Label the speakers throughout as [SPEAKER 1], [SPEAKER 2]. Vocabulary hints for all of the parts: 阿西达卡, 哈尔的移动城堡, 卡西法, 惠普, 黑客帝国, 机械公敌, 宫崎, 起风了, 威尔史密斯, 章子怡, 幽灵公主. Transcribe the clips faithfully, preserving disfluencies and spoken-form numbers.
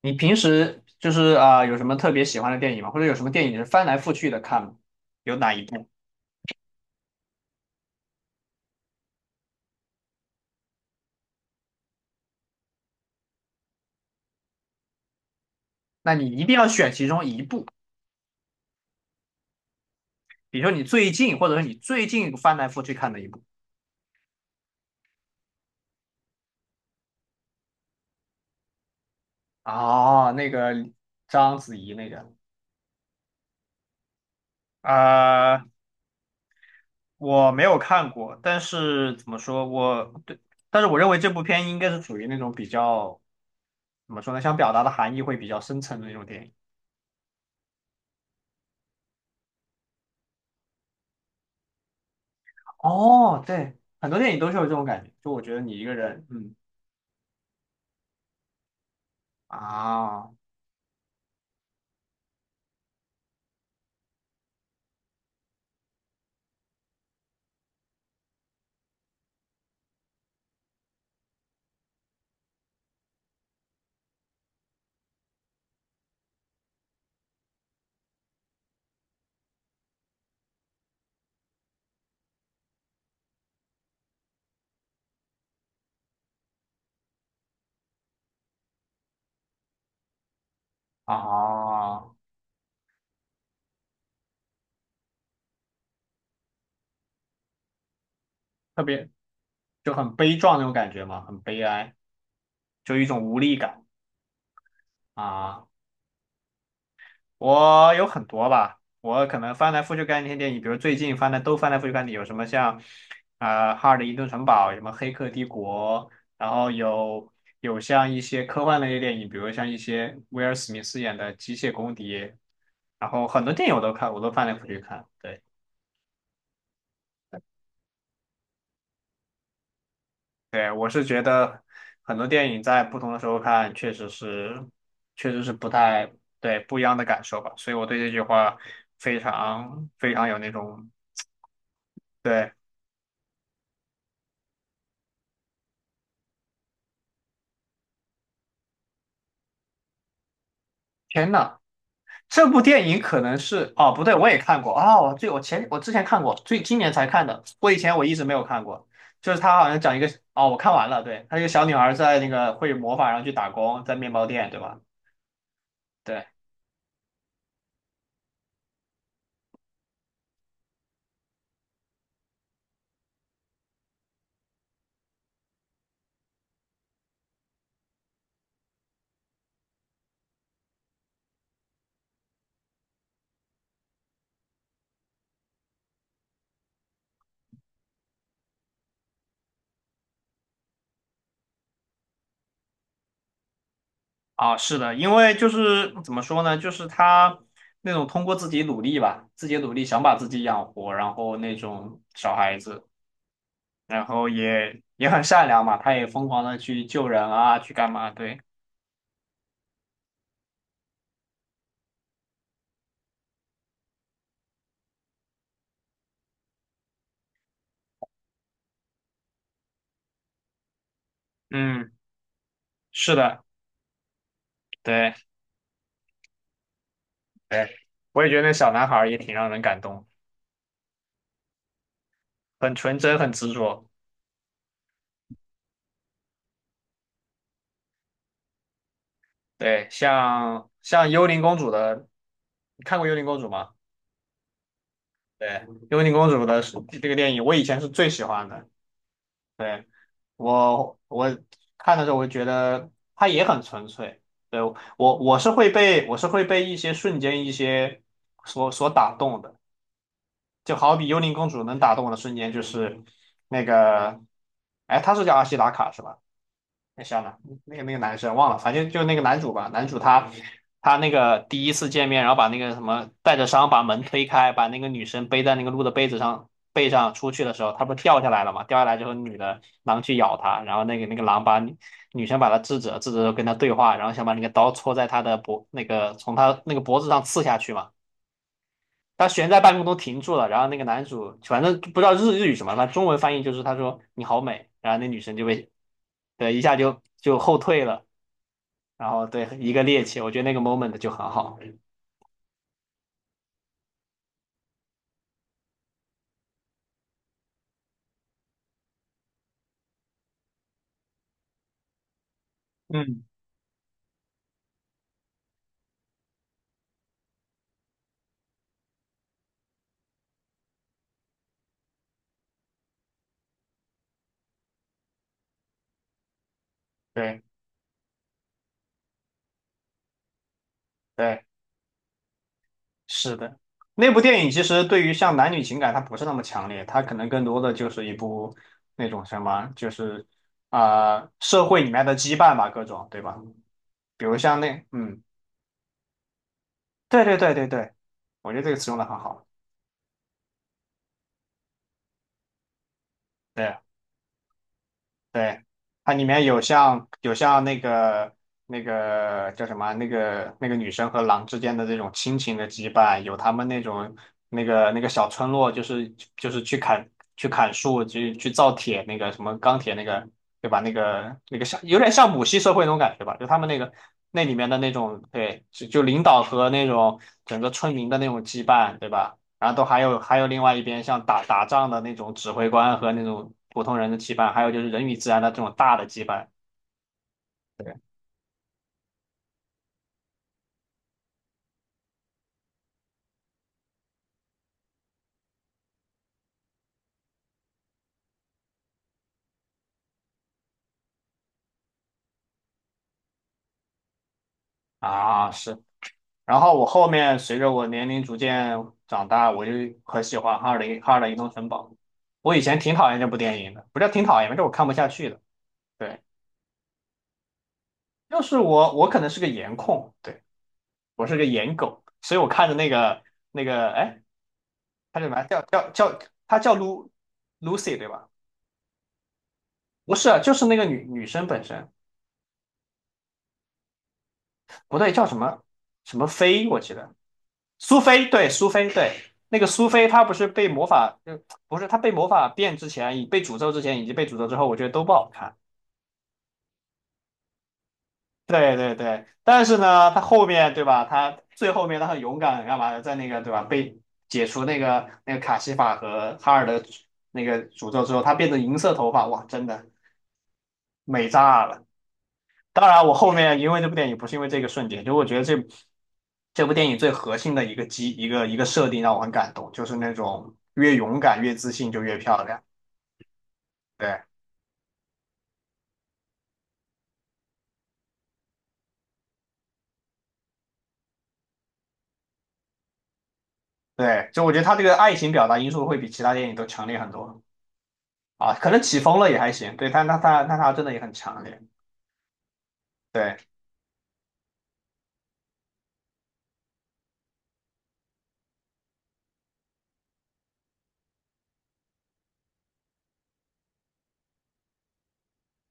[SPEAKER 1] 你平时就是啊、呃有什么特别喜欢的电影吗？或者有什么电影是翻来覆去的看吗？有哪一部？那你一定要选其中一部，比如说你最近，或者说你最近翻来覆去看的一部。哦，那个章子怡那个，呃，我没有看过，但是怎么说，我对，但是我认为这部片应该是属于那种比较怎么说呢，想表达的含义会比较深层的那种电影。哦，对，很多电影都是有这种感觉，就我觉得你一个人，嗯啊。啊，特别就很悲壮那种感觉嘛，很悲哀，就一种无力感啊。我有很多吧，我可能翻来覆去看那些电影，比如最近翻来都翻来覆去看的有什么像，呃，《哈尔的移动城堡》，什么《黑客帝国》，然后有有像一些科幻类的电影，比如像一些威尔史密斯演的《机械公敌》，然后很多电影我都看，我都翻来覆去看，对。对，我是觉得很多电影在不同的时候看，确实是，确实是不太，对，不一样的感受吧。所以我对这句话非常非常有那种，对，天呐，这部电影可能是，哦，不对，我也看过啊，我最我前我之前看过，最今年才看的，我以前我一直没有看过。就是他好像讲一个，哦，我看完了，对，他一个小女孩在那个会魔法，然后去打工，在面包店，对吧？对。啊，是的，因为就是怎么说呢，就是他那种通过自己努力吧，自己努力想把自己养活，然后那种小孩子，然后也也很善良嘛，他也疯狂的去救人啊，去干嘛？对，嗯，是的，对对，我也觉得那小男孩儿也挺让人感动，很纯真，很执着。对，像像幽灵公主的，你看过幽灵公主吗？对，幽灵公主的这个电影，我以前是最喜欢的。对，我我看的时候，我觉得他也很纯粹。对，我我是会被我是会被一些瞬间一些所所打动的，就好比幽灵公主能打动我的瞬间就是那个，哎，她是叫阿西达卡是吧？那小男，那个那个男生忘了，反正就是那个男主吧。男主他他那个第一次见面，然后把那个什么带着伤把门推开，把那个女生背在那个鹿的背子上背上出去的时候，他不是掉下来了嘛？掉下来之后，女的狼去咬他，然后那个那个狼把女女生把他制止了，制止了之后跟他对话，然后想把那个刀戳在他的脖那个从他那个脖子上刺下去嘛。他悬在半空中停住了，然后那个男主反正不知道日日语什么，反正中文翻译就是他说你好美，然后那女生就被对一下就就后退了，然后对一个趔趄，我觉得那个 moment 就很好。嗯，对对，是的。那部电影其实对于像男女情感，它不是那么强烈，它可能更多的就是一部那种什么，就是啊、呃社会里面的羁绊吧，各种对吧？比如像那嗯，对对对对对，我觉得这个词用的很好。对。对，它里面有像有像那个那个叫什么啊那个那个女生和狼之间的这种亲情的羁绊，有他们那种那个那个小村落，就是就是去砍去砍树，去去造铁那个什么钢铁那个，对吧？那个那个像有点像母系社会那种感觉吧，就他们那个那里面的那种对，就就领导和那种整个村民的那种羁绊，对吧？然后都还有还有另外一边像打打仗的那种指挥官和那种普通人的羁绊，还有就是人与自然的这种大的羁绊。对，啊，是。然后我后面随着我年龄逐渐长大，我就很喜欢哈尔的哈尔的移动城堡。我以前挺讨厌这部电影的，不是挺讨厌吧，这我看不下去的。对，就是我我可能是个颜控，对，我是个颜狗，所以我看着那个那个，哎，他叫什么？叫叫叫，他叫 l Lucy 对吧？不是啊，就是那个女女生本身，不对，叫什么什么飞，我记得苏菲，对，苏菲，对，那个苏菲，她不是被魔法，呃不是她被魔法变之前，被诅咒之前以及被诅咒之后，我觉得都不好看。对对对，但是呢，她后面对吧？她最后面她很勇敢，干嘛的，在那个对吧，被解除那个那个卡西法和哈尔的那个诅咒之后，她变成银色头发，哇，真的美炸了。当然，我后面因为这部电影不是因为这个瞬间，就我觉得这这部电影最核心的一个基一个一个设定让我很感动，就是那种越勇敢、越自信就越漂亮。对对，就我觉得他这个爱情表达因素会比其他电影都强烈很多。啊，可能起风了也还行，对，但他他但他真的也很强烈。对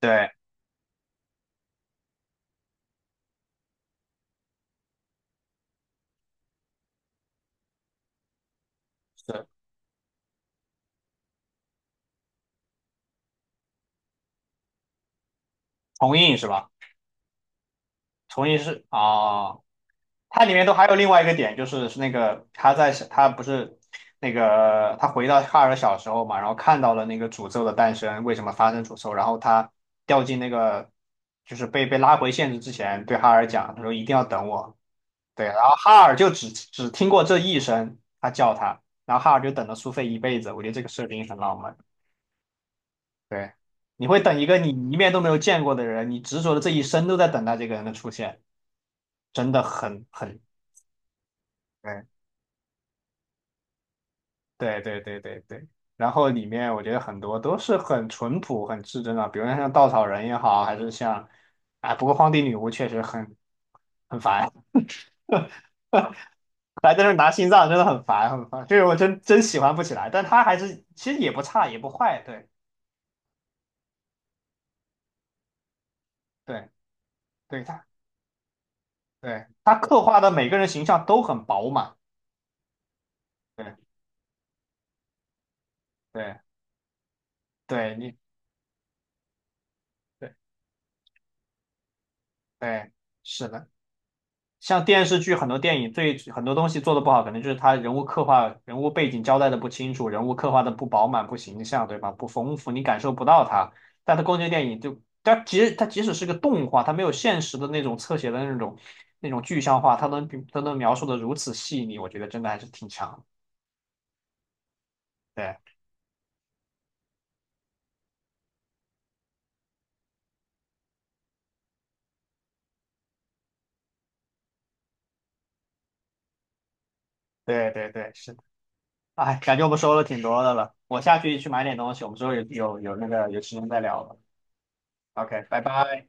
[SPEAKER 1] 对，是重映是吧？重映是啊。它里面都还有另外一个点，就是是那个他在他不是那个他回到哈尔小时候嘛，然后看到了那个诅咒的诞生，为什么发生诅咒，然后他掉进那个就是被被拉回现实之前，对哈尔讲，他说一定要等我，对，然后哈尔就只只听过这一声，他叫他，然后哈尔就等了苏菲一辈子，我觉得这个设定很浪漫，对，你会等一个你一面都没有见过的人，你执着的这一生都在等待这个人的出现，真的很很。对对对对对对，然后里面我觉得很多都是很淳朴、很至真的，比如像稻草人也好，还是像，哎，不过荒地女巫确实很很烦，来在这拿心脏真的很烦很烦，这个我真真喜欢不起来，但他还是其实也不差也不坏，对对对，他对他刻画的每个人形象都很饱满，对对对，你对对是的。像电视剧很多电影最很多东西做的不好，可能就是他人物刻画、人物背景交代的不清楚，人物刻画的不饱满、不形象，对吧？不丰富，你感受不到他。但他宫崎电影就，它即它即使是个动画，它没有现实的那种侧写的那种那种具象化，它能它能描述的如此细腻，我觉得真的还是挺强的。对对对对，是的。哎，感觉我们说了挺多的了，我下去去买点东西，我们之后有有有那个有时间再聊了。OK，拜拜。